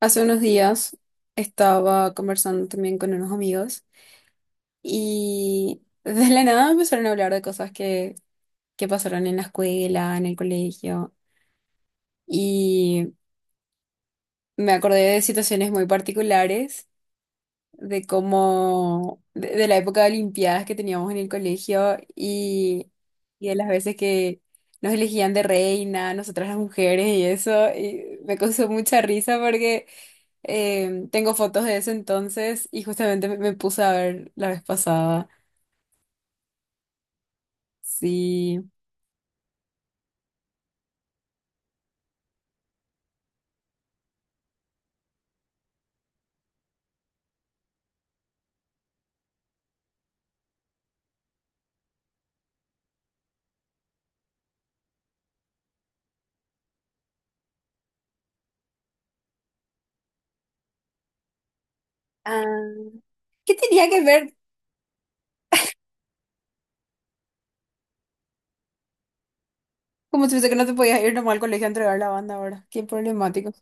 Hace unos días estaba conversando también con unos amigos y de la nada empezaron a hablar de cosas que pasaron en la escuela, en el colegio y me acordé de situaciones muy particulares, de la época de Olimpiadas que teníamos en el colegio y de las veces que nos elegían de reina, nosotras las mujeres y eso, y me causó mucha risa porque... Tengo fotos de ese entonces y justamente me puse a ver la vez pasada. Sí. Ah, ¿qué tenía que ver? Como si fuese que no te podías ir nomás al colegio a entregar la banda ahora. Qué problemático.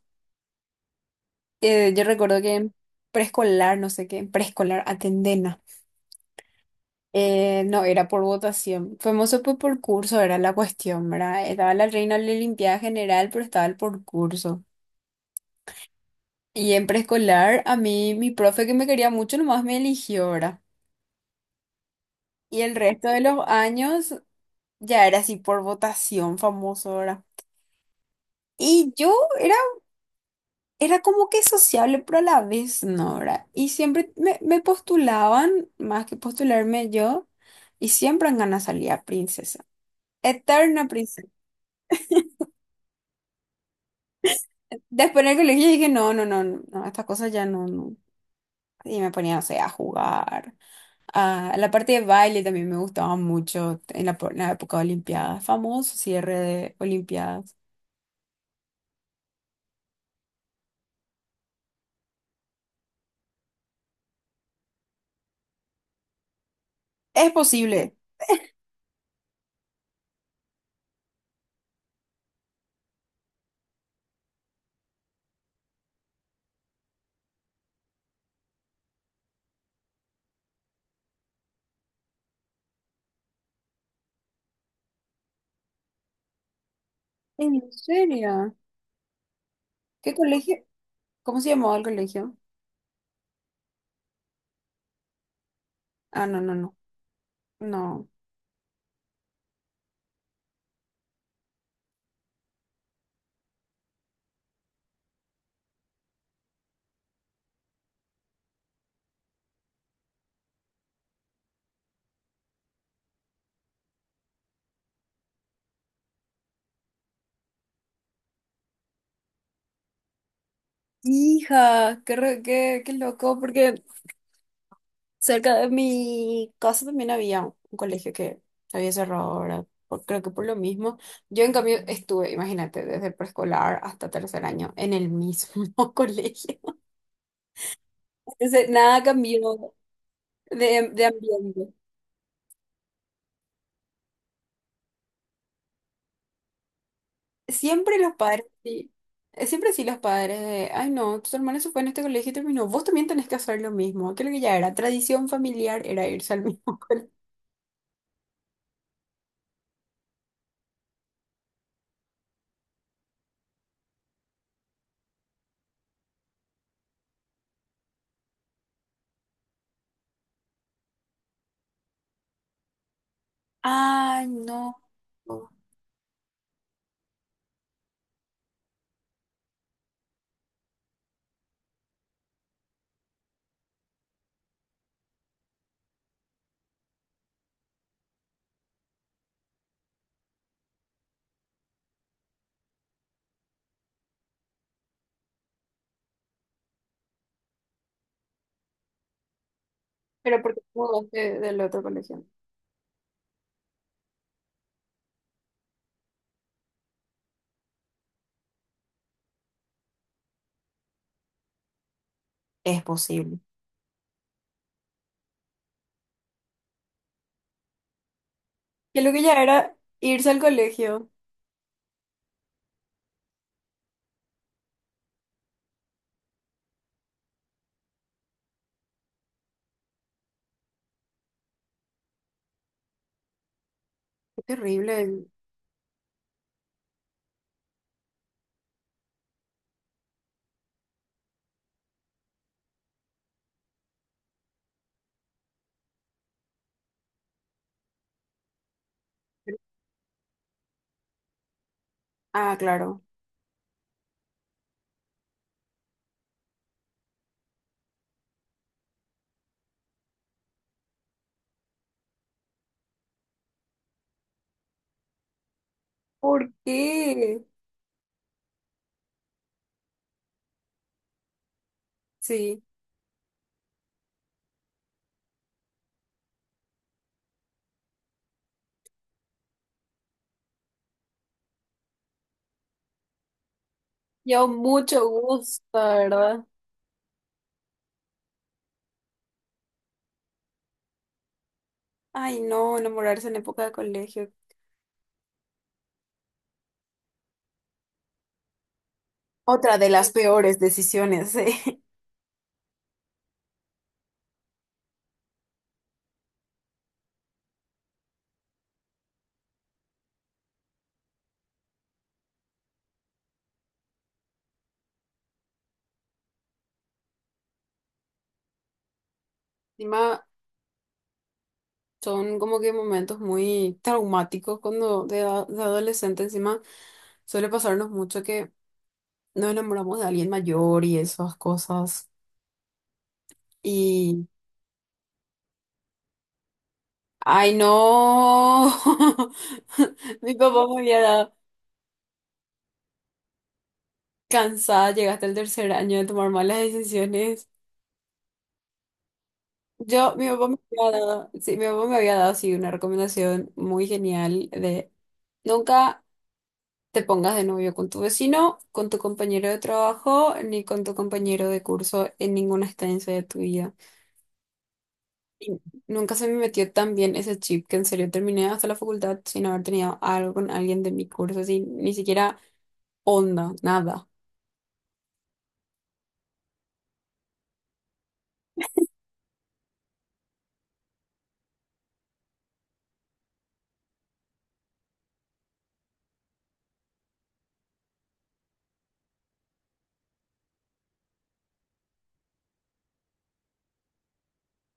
Yo recuerdo que en preescolar, no sé qué, en preescolar, Atendena. No, era por votación. Famoso pues por curso era la cuestión, ¿verdad? Estaba la reina de la limpieza general, pero estaba el por curso. Y en preescolar, a mí, mi profe que me quería mucho, nomás me eligió, ¿verdad? Y el resto de los años ya era así por votación famoso, ¿verdad? Y yo era, era como que sociable, pero a la vez no, ¿verdad? Y siempre me postulaban, más que postularme yo, y siempre en ganas salía princesa. Eterna princesa. Después en el colegio dije, no, no, no, no, no, estas cosas ya no, no. Y me ponía, no sé, a jugar. A la parte de baile también me gustaba mucho en en la época de Olimpiadas. Famoso cierre de Olimpiadas. Es posible. ¿En serio? ¿Qué colegio? ¿Cómo se llamaba el colegio? Ah, no, no, no. No. Hija, qué loco, porque cerca de mi casa también había un colegio que había cerrado ahora, creo que por lo mismo. Yo en cambio estuve, imagínate, desde preescolar hasta tercer año en el mismo colegio. Entonces, nada cambió de ambiente. Siempre los padres, sí. Siempre sí los padres de, ay no, tu hermana se fue en este colegio y terminó. Vos también tenés que hacer lo mismo. Creo que ya era tradición familiar, era irse al mismo colegio. Ay, no. Pero porque te mudaste del otro colegio. Es posible. Que lo que ya era irse al colegio. Qué terrible. Ah, claro. ¿Por qué? Sí. Yo mucho gusto, ¿verdad? Ay, no, enamorarse en época de colegio. Otra de las peores decisiones, eh. Encima, son como que momentos muy traumáticos cuando de adolescente encima suele pasarnos mucho que nos enamoramos de alguien mayor y esas cosas. Y, ay no, mi papá me había dado cansada, llegaste al tercer año de tomar malas decisiones. Yo, mi papá me había dado, sí, mi papá me había dado, sí, una recomendación muy genial de nunca... te pongas de novio con tu vecino, con tu compañero de trabajo, ni con tu compañero de curso en ninguna estancia de tu vida. Y nunca se me metió tan bien ese chip que en serio terminé hasta la facultad sin haber tenido algo con alguien de mi curso, así, ni siquiera onda, nada.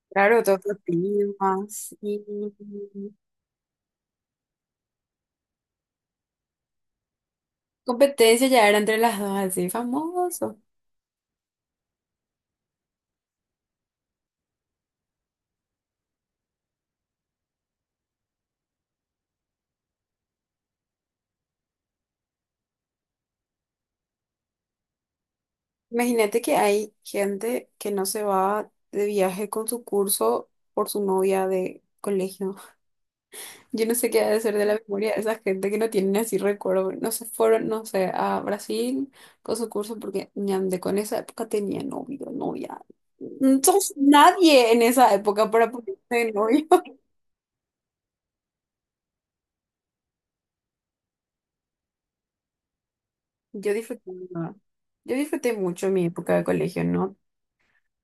Claro, todos los primas y competencia ya era entre las dos, así famoso. Imagínate que hay gente que no se va de viaje con su curso por su novia de colegio. Yo no sé qué ha de ser de la memoria de esa gente que no tienen así recuerdo. No se fueron, no sé, a Brasil con su curso porque ñande, con esa época tenía novio, novia. No sos nadie en esa época para ponerse de novio. Yo disfruté, ¿no? Yo disfruté mucho mi época de colegio, ¿no?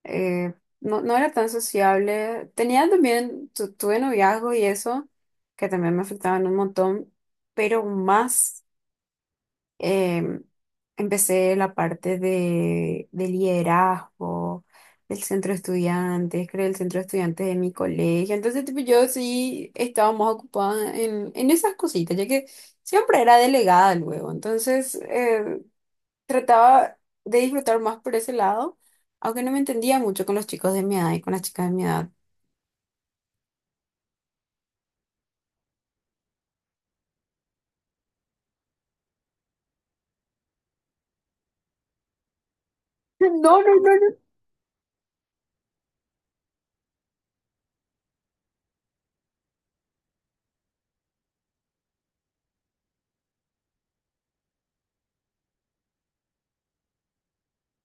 Eh, no, no era tan sociable. Tenía también, tuve noviazgo y eso, que también me afectaban un montón, pero más. Em, Empecé la parte de liderazgo, del centro de estudiantes, creé el centro de estudiantes de mi colegio. Entonces, tipo, yo sí estaba más ocupada en esas cositas, ya que siempre era delegada luego. Entonces, trataba de disfrutar más por ese lado, aunque no me entendía mucho con los chicos de mi edad y con las chicas de mi edad. No, no, no, no.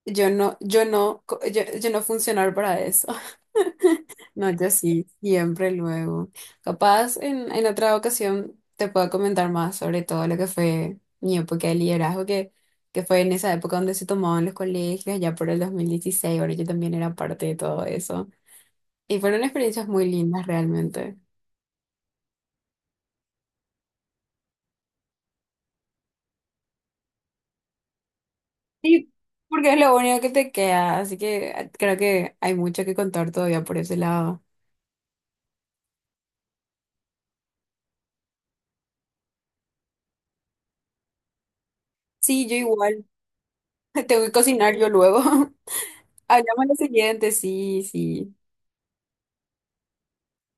Yo no funcionar para eso. No, yo sí, siempre luego. Capaz en otra ocasión te puedo comentar más sobre todo lo que fue mi época de liderazgo, que fue en esa época donde se tomaban los colegios, ya por el 2016, ahora yo también era parte de todo eso. Y fueron experiencias muy lindas realmente. Sí, porque es lo único que te queda, así que creo que hay mucho que contar todavía por ese lado. Sí, yo igual. Tengo que cocinar yo luego. Hablamos en siguiente, sí, sí.